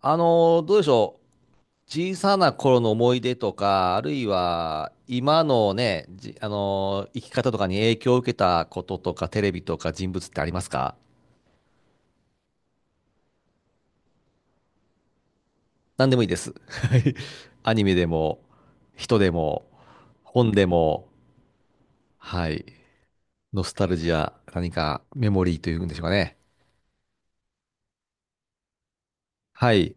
どうでしょう。小さな頃の思い出とか、あるいは今のね、じ、あのー生き方とかに影響を受けたこととか、テレビとか人物ってありますか？何でもいいです。はい。アニメでも、人でも、本でも、はい。ノスタルジア、何かメモリーというんでしょうかね。はい。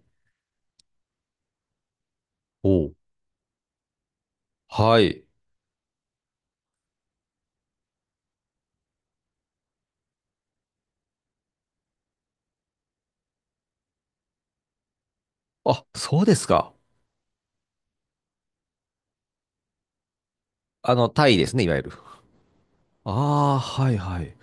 おう。はい。あ、そうですか。あの、タイですね、いわゆる。ああ、はいはい。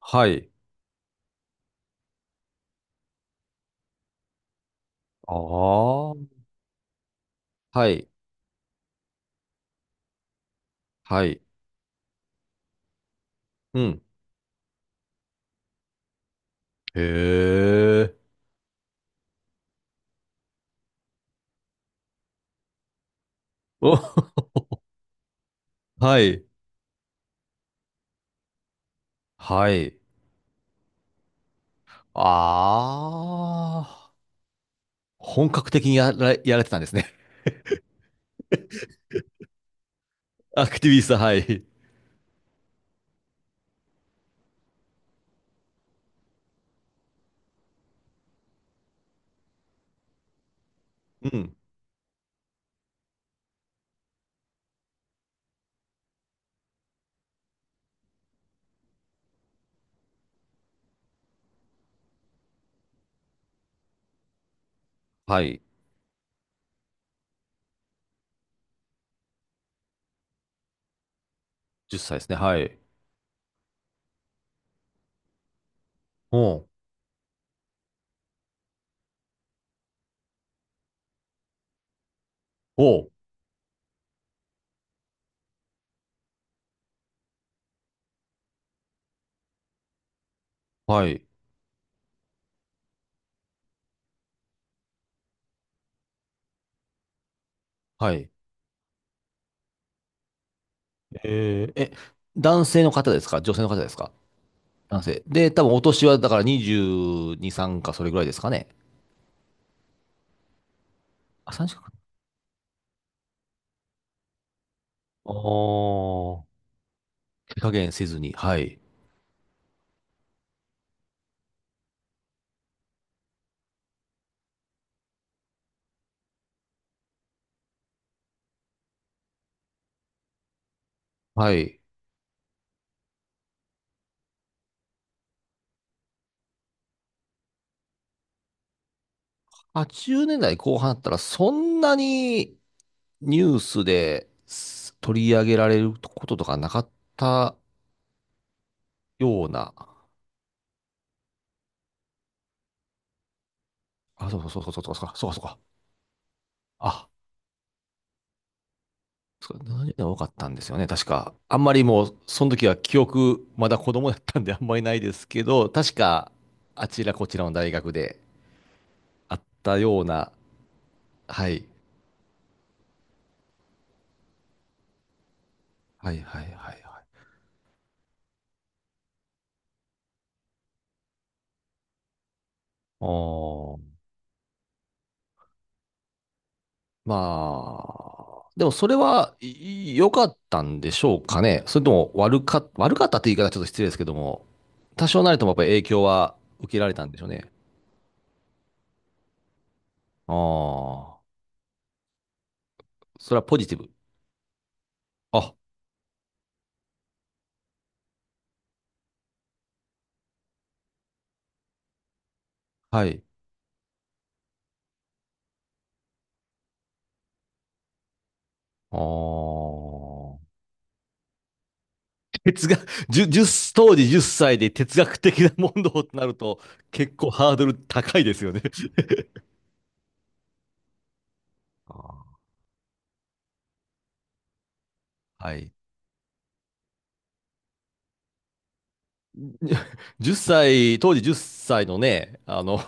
はい。ああ、はい。はい。うん。へえ。お、はい。はい。ああ、本格的にやられてたんですね。アクティビスト、はい。うん。はい。10歳ですね。はい。おう。おう。はい。はい。えー、え、男性の方ですか？女性の方ですか？男性。で、多分お年はだから22、3かそれぐらいですかね。あ、3近く。あー。手加減せずに。はい。はい。80年代後半だったらそんなにニュースです取り上げられることとかなかったような、あ、そうそうそうそうそうそうそうそうか、あ、そうか、何が多かったんですよね、確か。あんまりもう、その時は記憶、まだ子供だったんで あんまりないですけど、確か、あちらこちらの大学であったような、はい、はいはいはいはい。ああ。まあ、でもそれは良かったんでしょうかね。それとも悪かったって言い方はちょっと失礼ですけども、多少なりともやっぱり影響は受けられたんでしょうね。ああ、それはポジティブ。あ、はい。ああ。哲学、1当時10歳で哲学的な問答となると結構ハードル高いですよね。あーはい。1歳、当時10歳のね、あの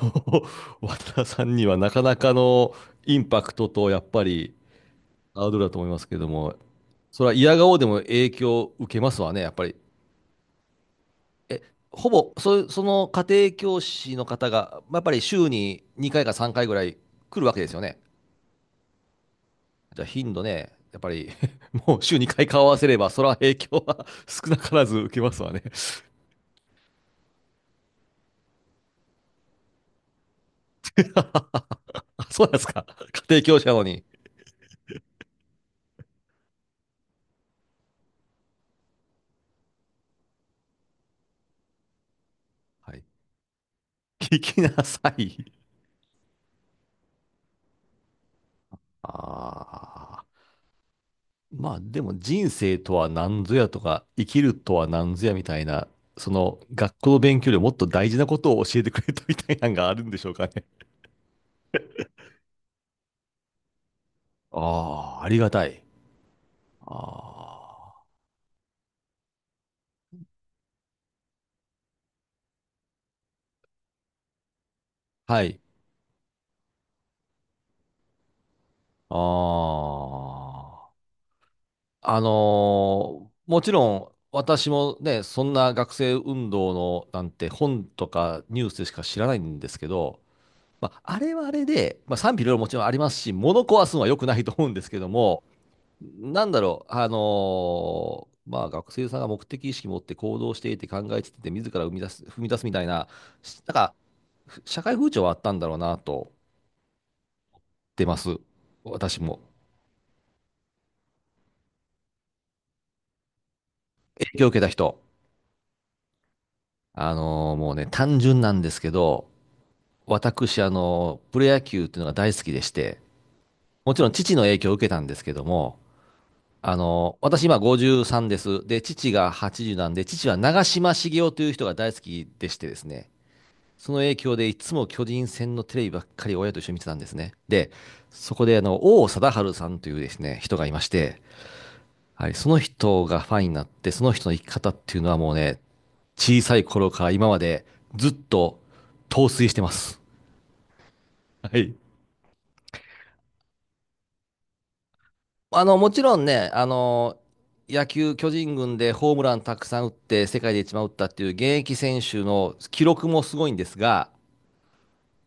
渡田さんにはなかなかのインパクトと、やっぱり、ハードルだと思いますけども、それは嫌顔でも影響を受けますわね、やっぱり。え、ほぼ、その家庭教師の方が、やっぱり週に2回か3回ぐらい来るわけですよね。じゃあ頻度ね、やっぱり もう週2回顔合わせれば、それは影響は 少なからず受けますわね。そうなんですか。家庭教師なのに。はい。聞きなさい。ああ。まあでも人生とは何ぞやとか、生きるとは何ぞやみたいな、その学校の勉強よりもっと大事なことを教えてくれたみたいなのがあるんでしょうかね。ああ、ありがたい。ああ。はい。ああ。あのもちろん私もね、そんな学生運動のなんて本とかニュースでしか知らないんですけど、まあ、あれはあれで、まあ、賛否両論もちろんありますし、物壊すのは良くないと思うんですけども、なんだろう、まあ、学生さんが目的意識持って行動していて考えていて、自ら生み出す、踏み出すみたいな、なんか、社会風潮はあったんだろうなと、出ます。私も。影響を受けた人。もうね、単純なんですけど、私、プロ野球っていうのが大好きでして、もちろん父の影響を受けたんですけども、私今53です。で、父が80なんで、父は長嶋茂雄という人が大好きでしてですね、その影響でいつも巨人戦のテレビばっかり親と一緒に見てたんですね。で、そこであの、王貞治さんというですね、人がいまして、はい、その人がファンになって、その人の生き方っていうのはもうね、小さい頃から今までずっと陶酔してます。あの、もちろんね、あの、野球巨人軍でホームランたくさん打って世界で一番打ったっていう現役選手の記録もすごいんですが、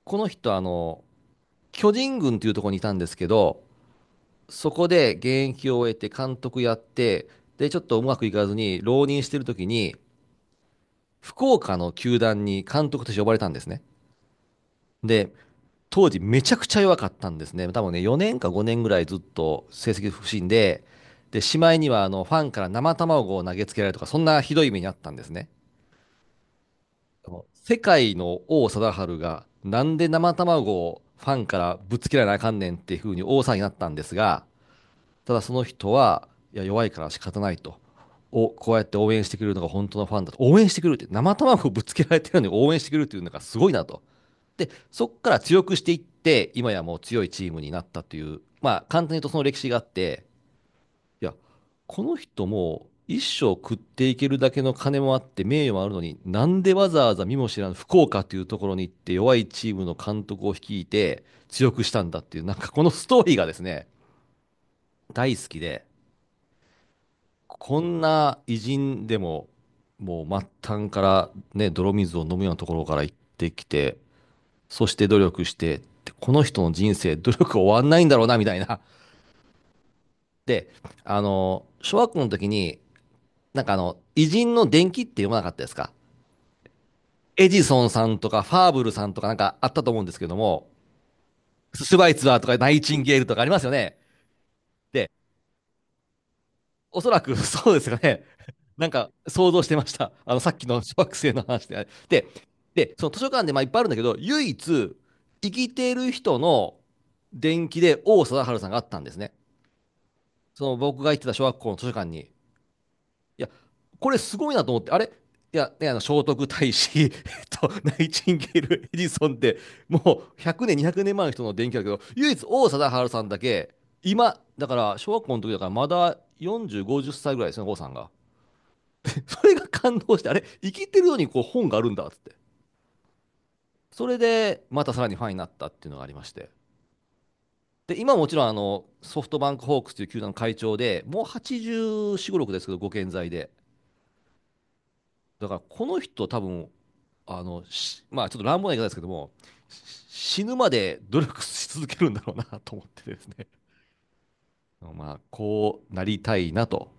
この人あの、巨人軍っていうところにいたんですけど、そこで現役を終えて監督やって、で、ちょっとうまくいかずに浪人してる時に、福岡の球団に監督として呼ばれたんですね。で、当時めちゃくちゃ弱かったんですね。多分ね、4年か5年ぐらいずっと成績不振で、で、しまいにはあのファンから生卵を投げつけられるとか、そんなひどい目にあったんですね。あの世界の王貞治が、なんで生卵をファンからぶつけられなあかんねんっていう風に王さんになったんですが、ただその人は、いや、弱いから仕方ないと。をこうやって応援してくれるのが本当のファンだと。応援してくれるって、生卵をぶつけられてるのに応援してくれるっていうのがすごいなと。で、そこから強くしていって、今やもう強いチームになったという、まあ、簡単に言うとその歴史があって、いや、この人も一生食っていけるだけの金もあって、名誉もあるのに、なんでわざわざ見も知らぬ福岡というところに行って、弱いチームの監督を率いて、強くしたんだっていう、なんかこのストーリーがですね、大好きで、こんな偉人でも、もう末端からね、泥水を飲むようなところから行ってきて、そして努力して、この人の人生、努力終わんないんだろうな、みたいな。で、あの、小学校の時に、なんかあの、偉人の伝記って読まなかったですか？エジソンさんとか、ファーブルさんとかなんかあったと思うんですけども、スシュバイツァーとか、ナイチンゲールとかありますよね。でおそらく そうですかね。なんか想像してました。あのさっきの 小学生の話で。で、その図書館でまあいっぱいあるんだけど、唯一生きてる人の伝記で王貞治さんがあったんですね。その僕が行ってた小学校の図書館に。いや、これすごいなと思って、あれいや、ね、あの聖徳太子、ナイチンゲール、エジソンって、もう100年、200年前の人の伝記だけど、唯一王貞治さんだけ、今、だから小学校の時だからまだ40、50歳ぐらいですね、王さんが。それが感動して、あれ、生きてるのにこう本があるんだっつって。それで、またさらにファンになったっていうのがありまして。で、今もちろんあの、ソフトバンクホークスという球団の会長で、もう84、5、6ですけど、ご健在で。だから、この人多分、あの、まあちょっと乱暴な言い方ですけども、死ぬまで努力し続けるんだろうなと思ってですね。まあ、こうなりたいなと